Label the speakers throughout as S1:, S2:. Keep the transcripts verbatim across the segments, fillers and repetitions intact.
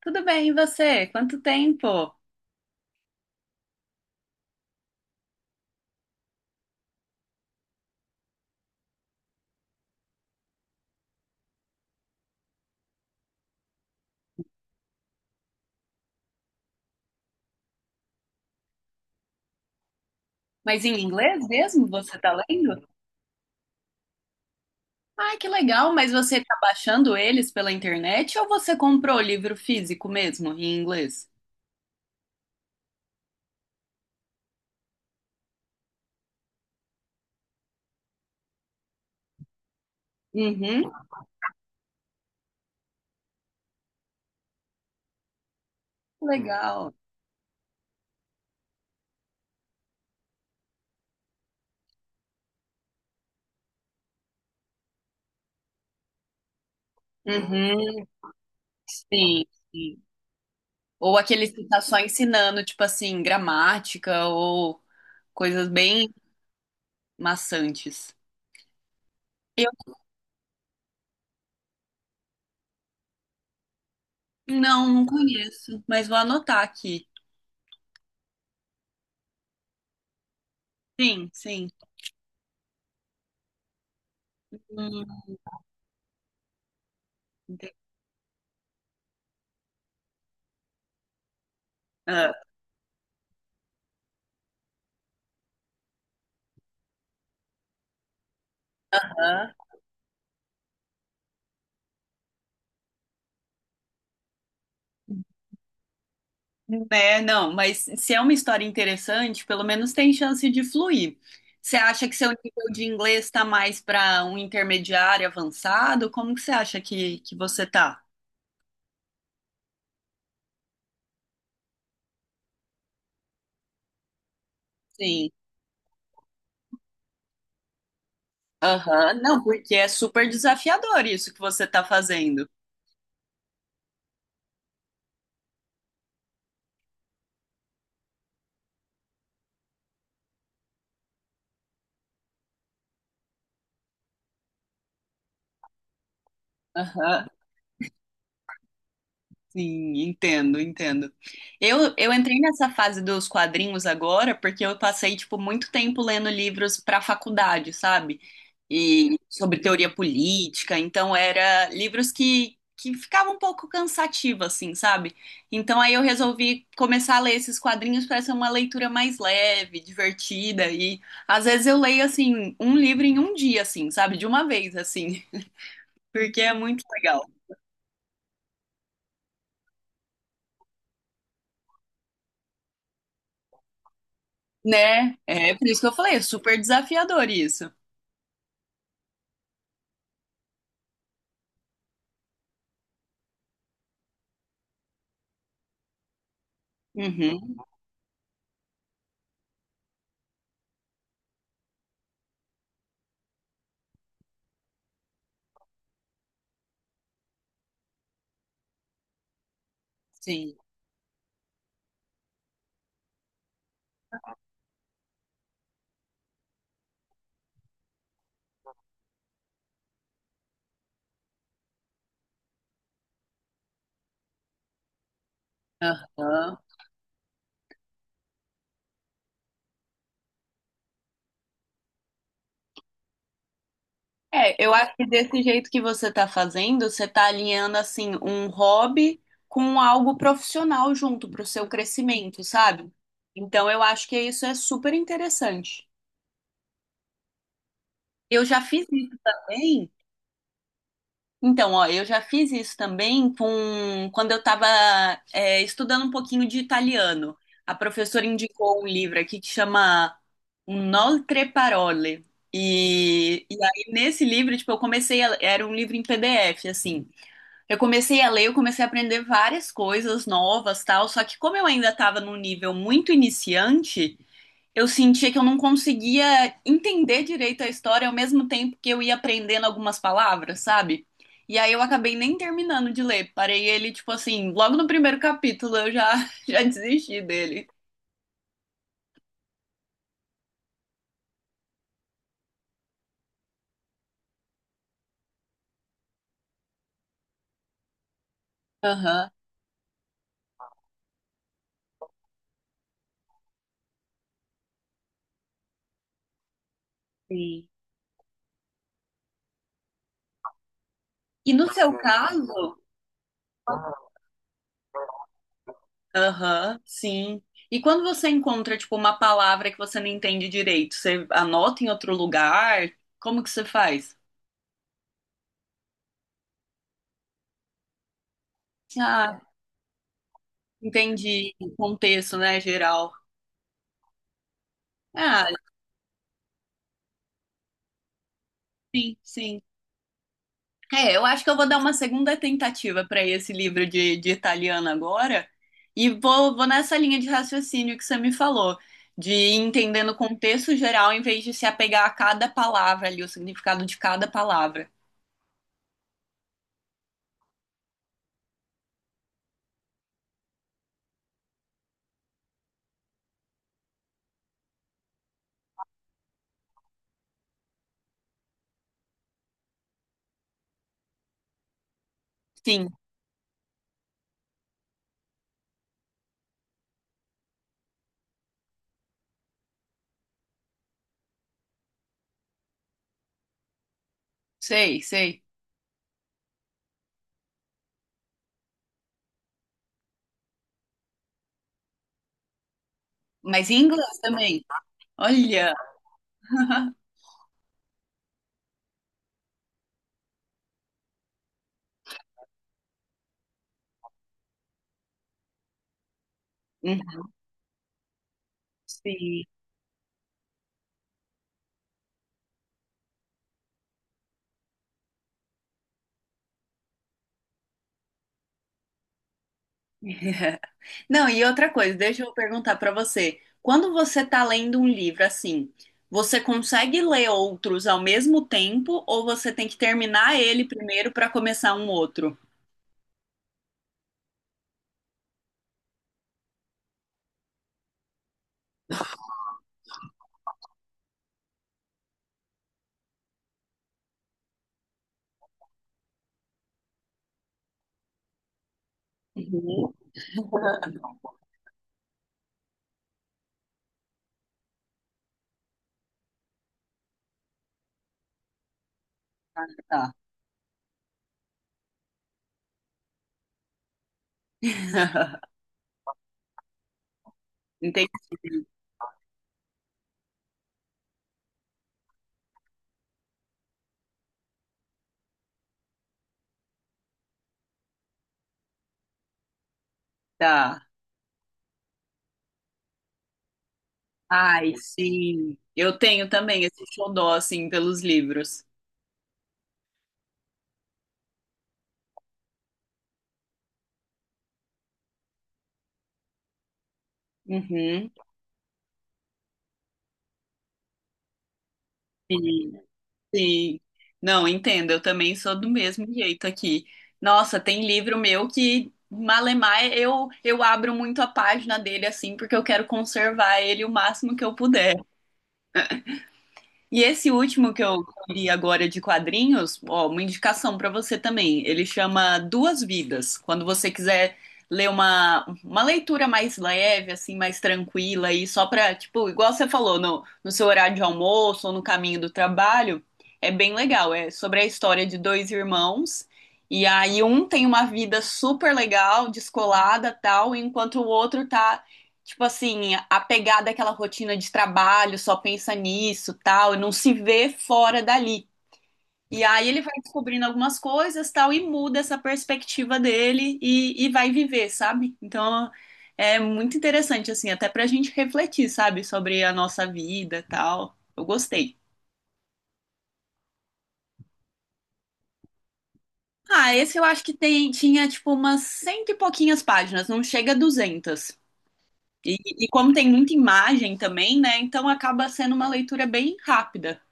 S1: Tudo bem, e você? Quanto tempo? Mas em inglês mesmo você tá lendo? Ah, que legal, mas você tá baixando eles pela internet ou você comprou o livro físico mesmo, em inglês? Uhum, legal. Uhum, sim, sim. Ou aqueles que tá só ensinando, tipo assim, gramática ou coisas bem maçantes. Eu não, não conheço, mas vou anotar aqui. Sim, sim. Hum, entendi. Aham. É, não, mas se é uma história interessante, pelo menos tem chance de fluir. Você acha que seu nível de inglês está mais para um intermediário avançado? Como que você acha que, que você tá? Sim. Aham, não, porque é super desafiador isso que você tá fazendo. Aham. Sim, entendo, entendo. Eu, eu entrei nessa fase dos quadrinhos agora porque eu passei, tipo, muito tempo lendo livros para faculdade, sabe? E sobre teoria política, então era livros que, que ficavam um pouco cansativo, assim, sabe? Então aí eu resolvi começar a ler esses quadrinhos para ser uma leitura mais leve, divertida, e às vezes eu leio, assim, um livro em um dia, assim, sabe? De uma vez, assim, porque é muito legal. Né? É por isso que eu falei, é super desafiador isso. Uhum, sim. Aham. É, eu acho que desse jeito que você tá fazendo, você tá alinhando assim um hobby com algo profissional junto pro seu crescimento, sabe? Então eu acho que isso é super interessante. Eu já fiz isso também. Então, ó, eu já fiz isso também com quando eu estava estudando um pouquinho de italiano. A professora indicou um livro aqui que chama Inoltre Parole. E, e aí, nesse livro, tipo, eu comecei a, era um livro em P D F, assim. Eu comecei a ler, eu comecei a aprender várias coisas novas, tal. Só que como eu ainda estava num nível muito iniciante, eu sentia que eu não conseguia entender direito a história ao mesmo tempo que eu ia aprendendo algumas palavras, sabe? E aí eu acabei nem terminando de ler. Parei ele, tipo assim, logo no primeiro capítulo eu já, já desisti dele. Aham, sim. E no seu caso? Aham, sim. E quando você encontra, tipo, uma palavra que você não entende direito, você anota em outro lugar? Como que você faz? Ah, entendi. Contexto, né, geral. Ah, sim, sim. É, eu acho que eu vou dar uma segunda tentativa para esse livro de, de italiano agora e vou, vou nessa linha de raciocínio que você me falou, de ir entendendo o contexto geral em vez de se apegar a cada palavra ali, o significado de cada palavra. Sim, sei, sei. Mas em inglês também. Olha. Sim. Não, e outra coisa, deixa eu perguntar pra você. Quando você tá lendo um livro assim, você consegue ler outros ao mesmo tempo ou você tem que terminar ele primeiro pra começar um outro? Uhum. Ah, tá. Entendi. Tá. Ai, sim. Eu tenho também esse xodó assim pelos livros. Uhum. Sim. Não, entendo, eu também sou do mesmo jeito aqui. Nossa, tem livro meu que malemar eu eu abro muito a página dele assim porque eu quero conservar ele o máximo que eu puder. E esse último que eu li agora de quadrinhos, ó, uma indicação para você também. Ele chama Duas Vidas. Quando você quiser ler uma, uma leitura mais leve, assim, mais tranquila e só para tipo, igual você falou, no, no seu horário de almoço ou no caminho do trabalho, é bem legal. É sobre a história de dois irmãos. E aí um tem uma vida super legal, descolada, tal, enquanto o outro tá tipo assim, apegada àquela rotina de trabalho, só pensa nisso, tal, e não se vê fora dali. E aí ele vai descobrindo algumas coisas, tal, e muda essa perspectiva dele e, e vai viver, sabe? Então é muito interessante, assim, até pra gente refletir, sabe, sobre a nossa vida, tal. Eu gostei. Ah, esse eu acho que tem, tinha, tipo, umas cento e pouquinhas páginas, não chega a duzentas. E, e como tem muita imagem também, né? Então acaba sendo uma leitura bem rápida.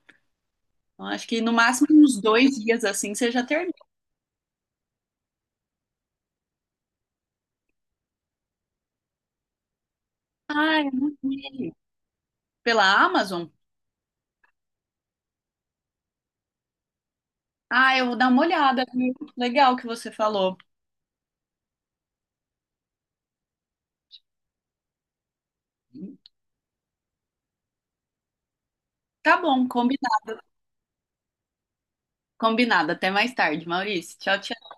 S1: Então, acho que no máximo uns dois dias assim você já termina. Ah, eu não vi. Pela Amazon? Ah, eu vou dar uma olhada, viu? Legal que você falou. Tá bom, combinado. Combinado. Até mais tarde, Maurício. Tchau, tchau.